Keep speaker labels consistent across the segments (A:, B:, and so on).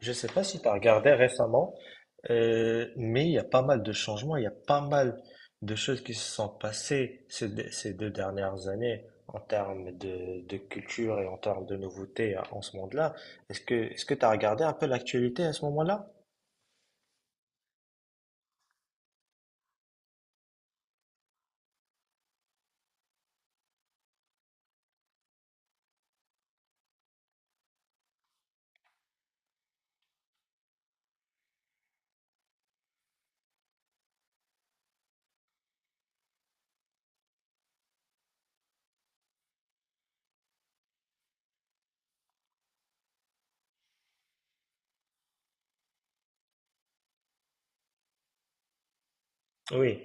A: Je sais pas si tu as regardé récemment, mais il y a pas mal de changements, il y a pas mal de choses qui se sont passées ces deux dernières années en termes de culture et en termes de nouveautés en ce monde-là. Est-ce que tu as regardé un peu l'actualité à ce moment-là? Oui,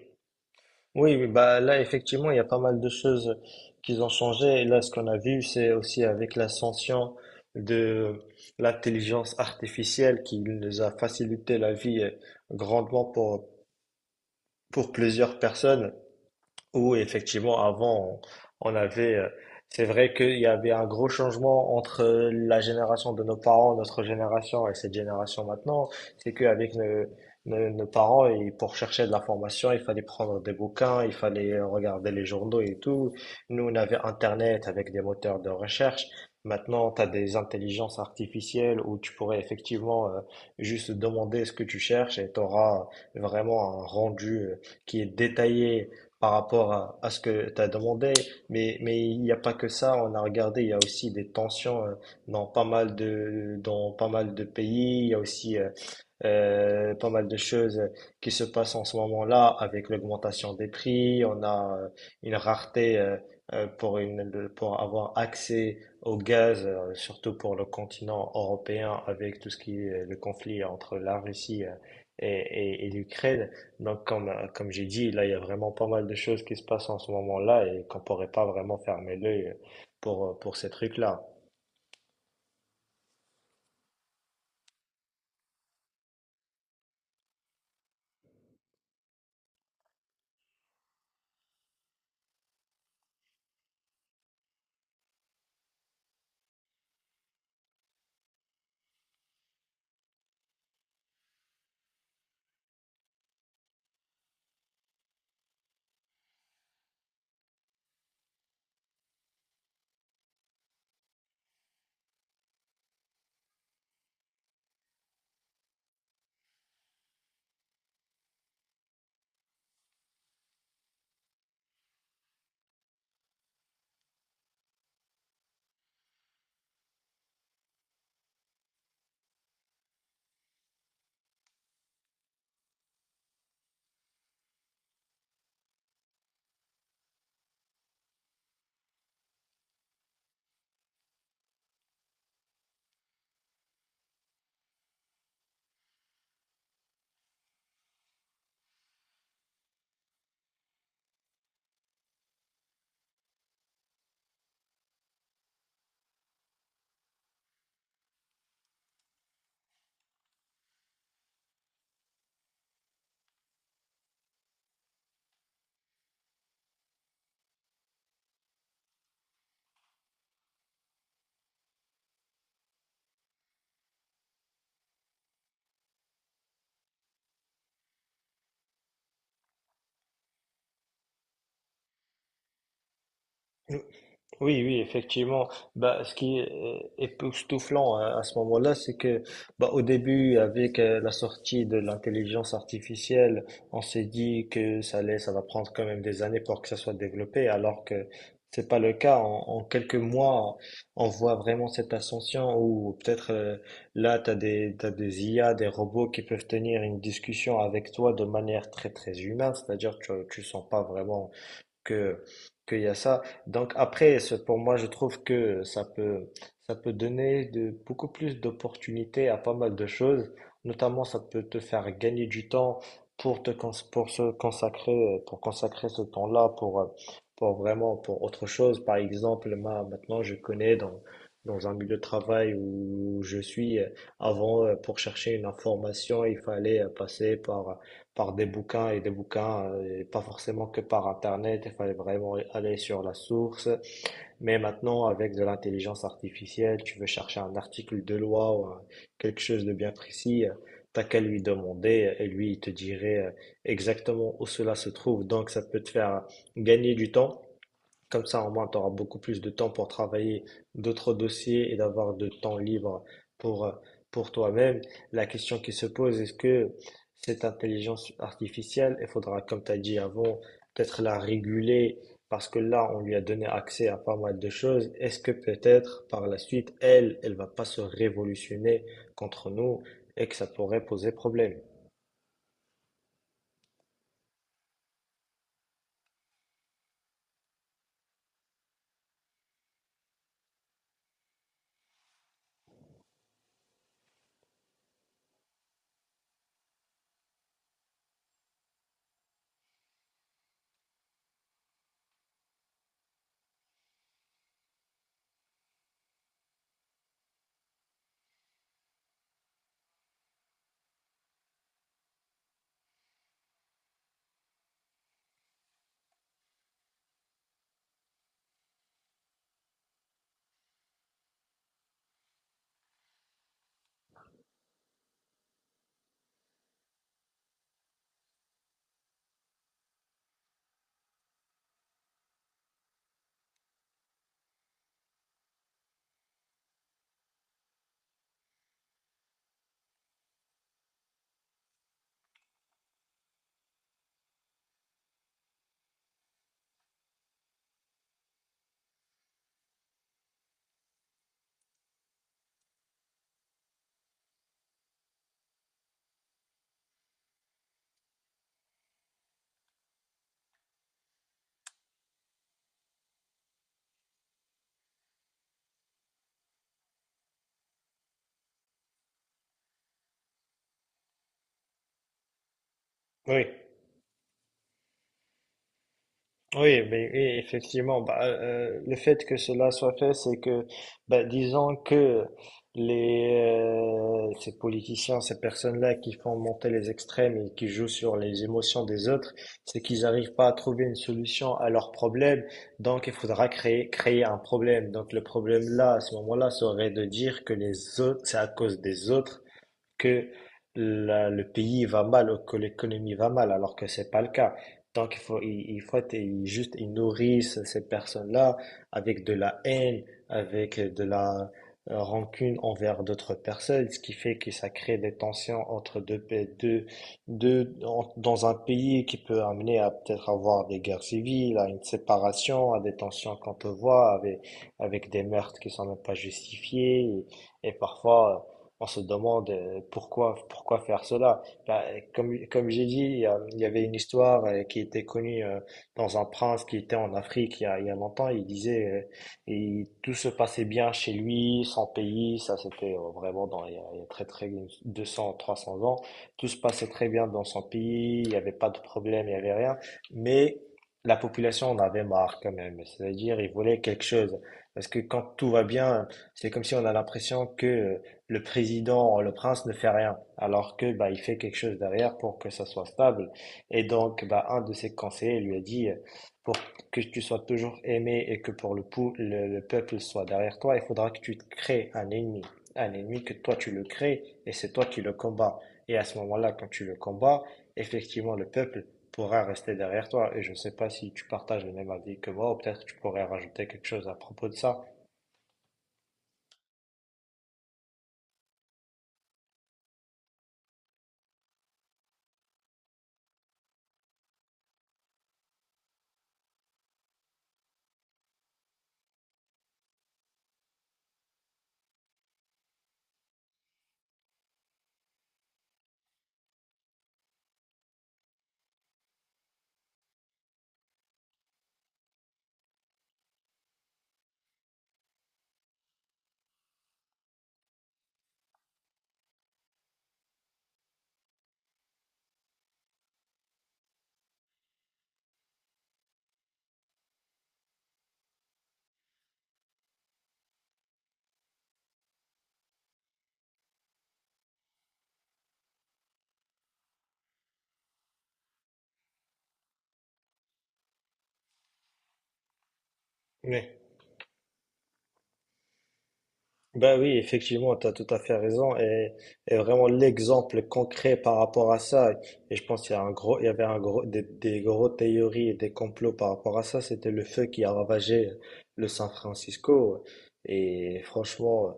A: oui, oui, bah là effectivement il y a pas mal de choses qui ont changé. Et là ce qu'on a vu c'est aussi avec l'ascension de l'intelligence artificielle qui nous a facilité la vie grandement pour plusieurs personnes où effectivement, avant, on avait, c'est vrai qu'il y avait un gros changement entre la génération de nos parents, notre génération et cette génération maintenant. C'est qu'avec nos parents, et pour chercher de l'information, il fallait prendre des bouquins, il fallait regarder les journaux et tout. Nous, on avait Internet avec des moteurs de recherche. Maintenant, tu as des intelligences artificielles où tu pourrais effectivement juste demander ce que tu cherches et tu auras vraiment un rendu qui est détaillé par rapport à ce que tu as demandé, mais il n'y a pas que ça, on a regardé, il y a aussi des tensions dans pas mal de pays, il y a aussi pas mal de choses qui se passent en ce moment-là avec l'augmentation des prix, on a une rareté pour avoir accès au gaz, surtout pour le continent européen avec tout ce qui est le conflit entre la Russie et l'Ukraine. Donc, comme j'ai dit, là, il y a vraiment pas mal de choses qui se passent en ce moment-là et qu'on pourrait pas vraiment fermer l'œil pour ces trucs-là. Oui, oui, effectivement. Bah, ce qui est époustouflant hein, à ce moment-là, c'est que bah, au début, avec la sortie de l'intelligence artificielle, on s'est dit que ça allait, ça va prendre quand même des années pour que ça soit développé, alors que c'est pas le cas. En quelques mois, on voit vraiment cette ascension où peut-être là, t'as des IA, des robots qui peuvent tenir une discussion avec toi de manière très, très humaine, c'est-à-dire que tu sens pas vraiment que qu'il y a ça. Donc après, pour moi, je trouve que ça peut donner de beaucoup plus d'opportunités à pas mal de choses. Notamment, ça peut te faire gagner du temps pour consacrer ce temps-là pour vraiment, pour autre chose. Par exemple, moi, maintenant, je connais dans un milieu de travail où je suis avant pour chercher une information, il fallait passer par des bouquins, et pas forcément que par Internet, il fallait vraiment aller sur la source. Mais maintenant, avec de l'intelligence artificielle, tu veux chercher un article de loi ou quelque chose de bien précis, t'as qu'à lui demander et lui, il te dirait exactement où cela se trouve. Donc, ça peut te faire gagner du temps comme ça, au moins, tu auras beaucoup plus de temps pour travailler d'autres dossiers et d'avoir de temps libre pour, euh, pour toi-même. La question qui se pose, est-ce que cette intelligence artificielle, il faudra, comme tu as dit avant, peut-être la réguler parce que là, on lui a donné accès à pas mal de choses. Est-ce que peut-être par la suite, elle va pas se révolutionner contre nous et que ça pourrait poser problème? Oui. Oui, mais oui, effectivement, bah, le fait que cela soit fait, c'est que, bah, disons que ces politiciens, ces personnes-là qui font monter les extrêmes et qui jouent sur les émotions des autres, c'est qu'ils n'arrivent pas à trouver une solution à leurs problèmes. Donc, il faudra créer un problème. Donc, le problème là, à ce moment-là, serait de dire que les autres, c'est à cause des autres que le pays va mal ou que l'économie va mal, alors que c'est pas le cas. Donc il faut être- il- juste, ils nourrissent ces personnes-là avec de la haine, avec de la rancune envers d'autres personnes, ce qui fait que ça crée des tensions entre deux, deux, deux dans un pays qui peut amener à peut-être avoir des guerres civiles, à une séparation, à des tensions qu'on peut voir avec des meurtres qui sont même pas justifiés et parfois on se demande pourquoi faire cela. Bah, comme j'ai dit, il y avait une histoire qui était connue dans un prince qui était en Afrique il y a longtemps. Il disait, et tout se passait bien chez lui, son pays, ça c'était vraiment dans, il y a très très 200, 300 ans. Tout se passait très bien dans son pays, il n'y avait pas de problème, il n'y avait rien. Mais la population en avait marre quand même. C'est-à-dire, ils voulaient quelque chose. Parce que quand tout va bien, c'est comme si on a l'impression que le président, le prince ne fait rien, alors que bah, il fait quelque chose derrière pour que ça soit stable. Et donc, bah, un de ses conseillers lui a dit, pour que tu sois toujours aimé et que pour le peuple soit derrière toi, il faudra que tu te crées un ennemi. Un ennemi que toi tu le crées et c'est toi qui le combats. Et à ce moment-là, quand tu le combats, effectivement, le peuple pourra rester derrière toi. Et je ne sais pas si tu partages le même avis que moi, ou peut-être que tu pourrais rajouter quelque chose à propos de ça. Oui. Ben oui, effectivement, tu as tout à fait raison. Et vraiment l'exemple concret par rapport à ça, et je pense qu'il y a un gros, il y avait un gros, des gros théories et des complots par rapport à ça, c'était le feu qui a ravagé le San Francisco. Et franchement,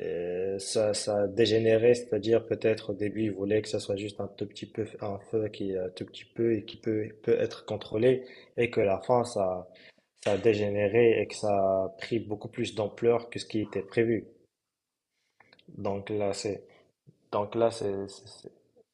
A: ça a dégénéré, c'est-à-dire peut-être au début, ils voulaient que ça soit juste un tout petit peu, un feu qui est un tout petit peu et qui peut être contrôlé, et que la fin, ça a dégénéré et que ça a pris beaucoup plus d'ampleur que ce qui était prévu. Donc là, c'est donc là, c'est-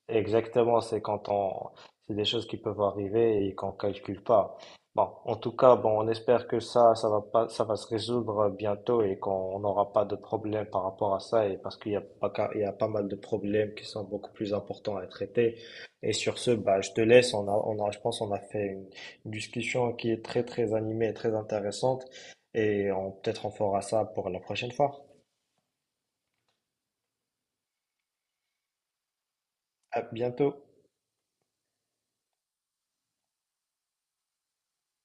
A: exactement, c'est des choses qui peuvent arriver et qu'on calcule pas. Bon, en tout cas, bon, on espère que ça va pas, ça va se résoudre bientôt et qu'on n'aura pas de problème par rapport à ça et parce qu'il y a pas mal de problèmes qui sont beaucoup plus importants à traiter. Et sur ce, bah, je te laisse. On a, je pense, on a fait une discussion qui est très, très animée et très intéressante et peut-être on fera ça pour la prochaine fois. À bientôt.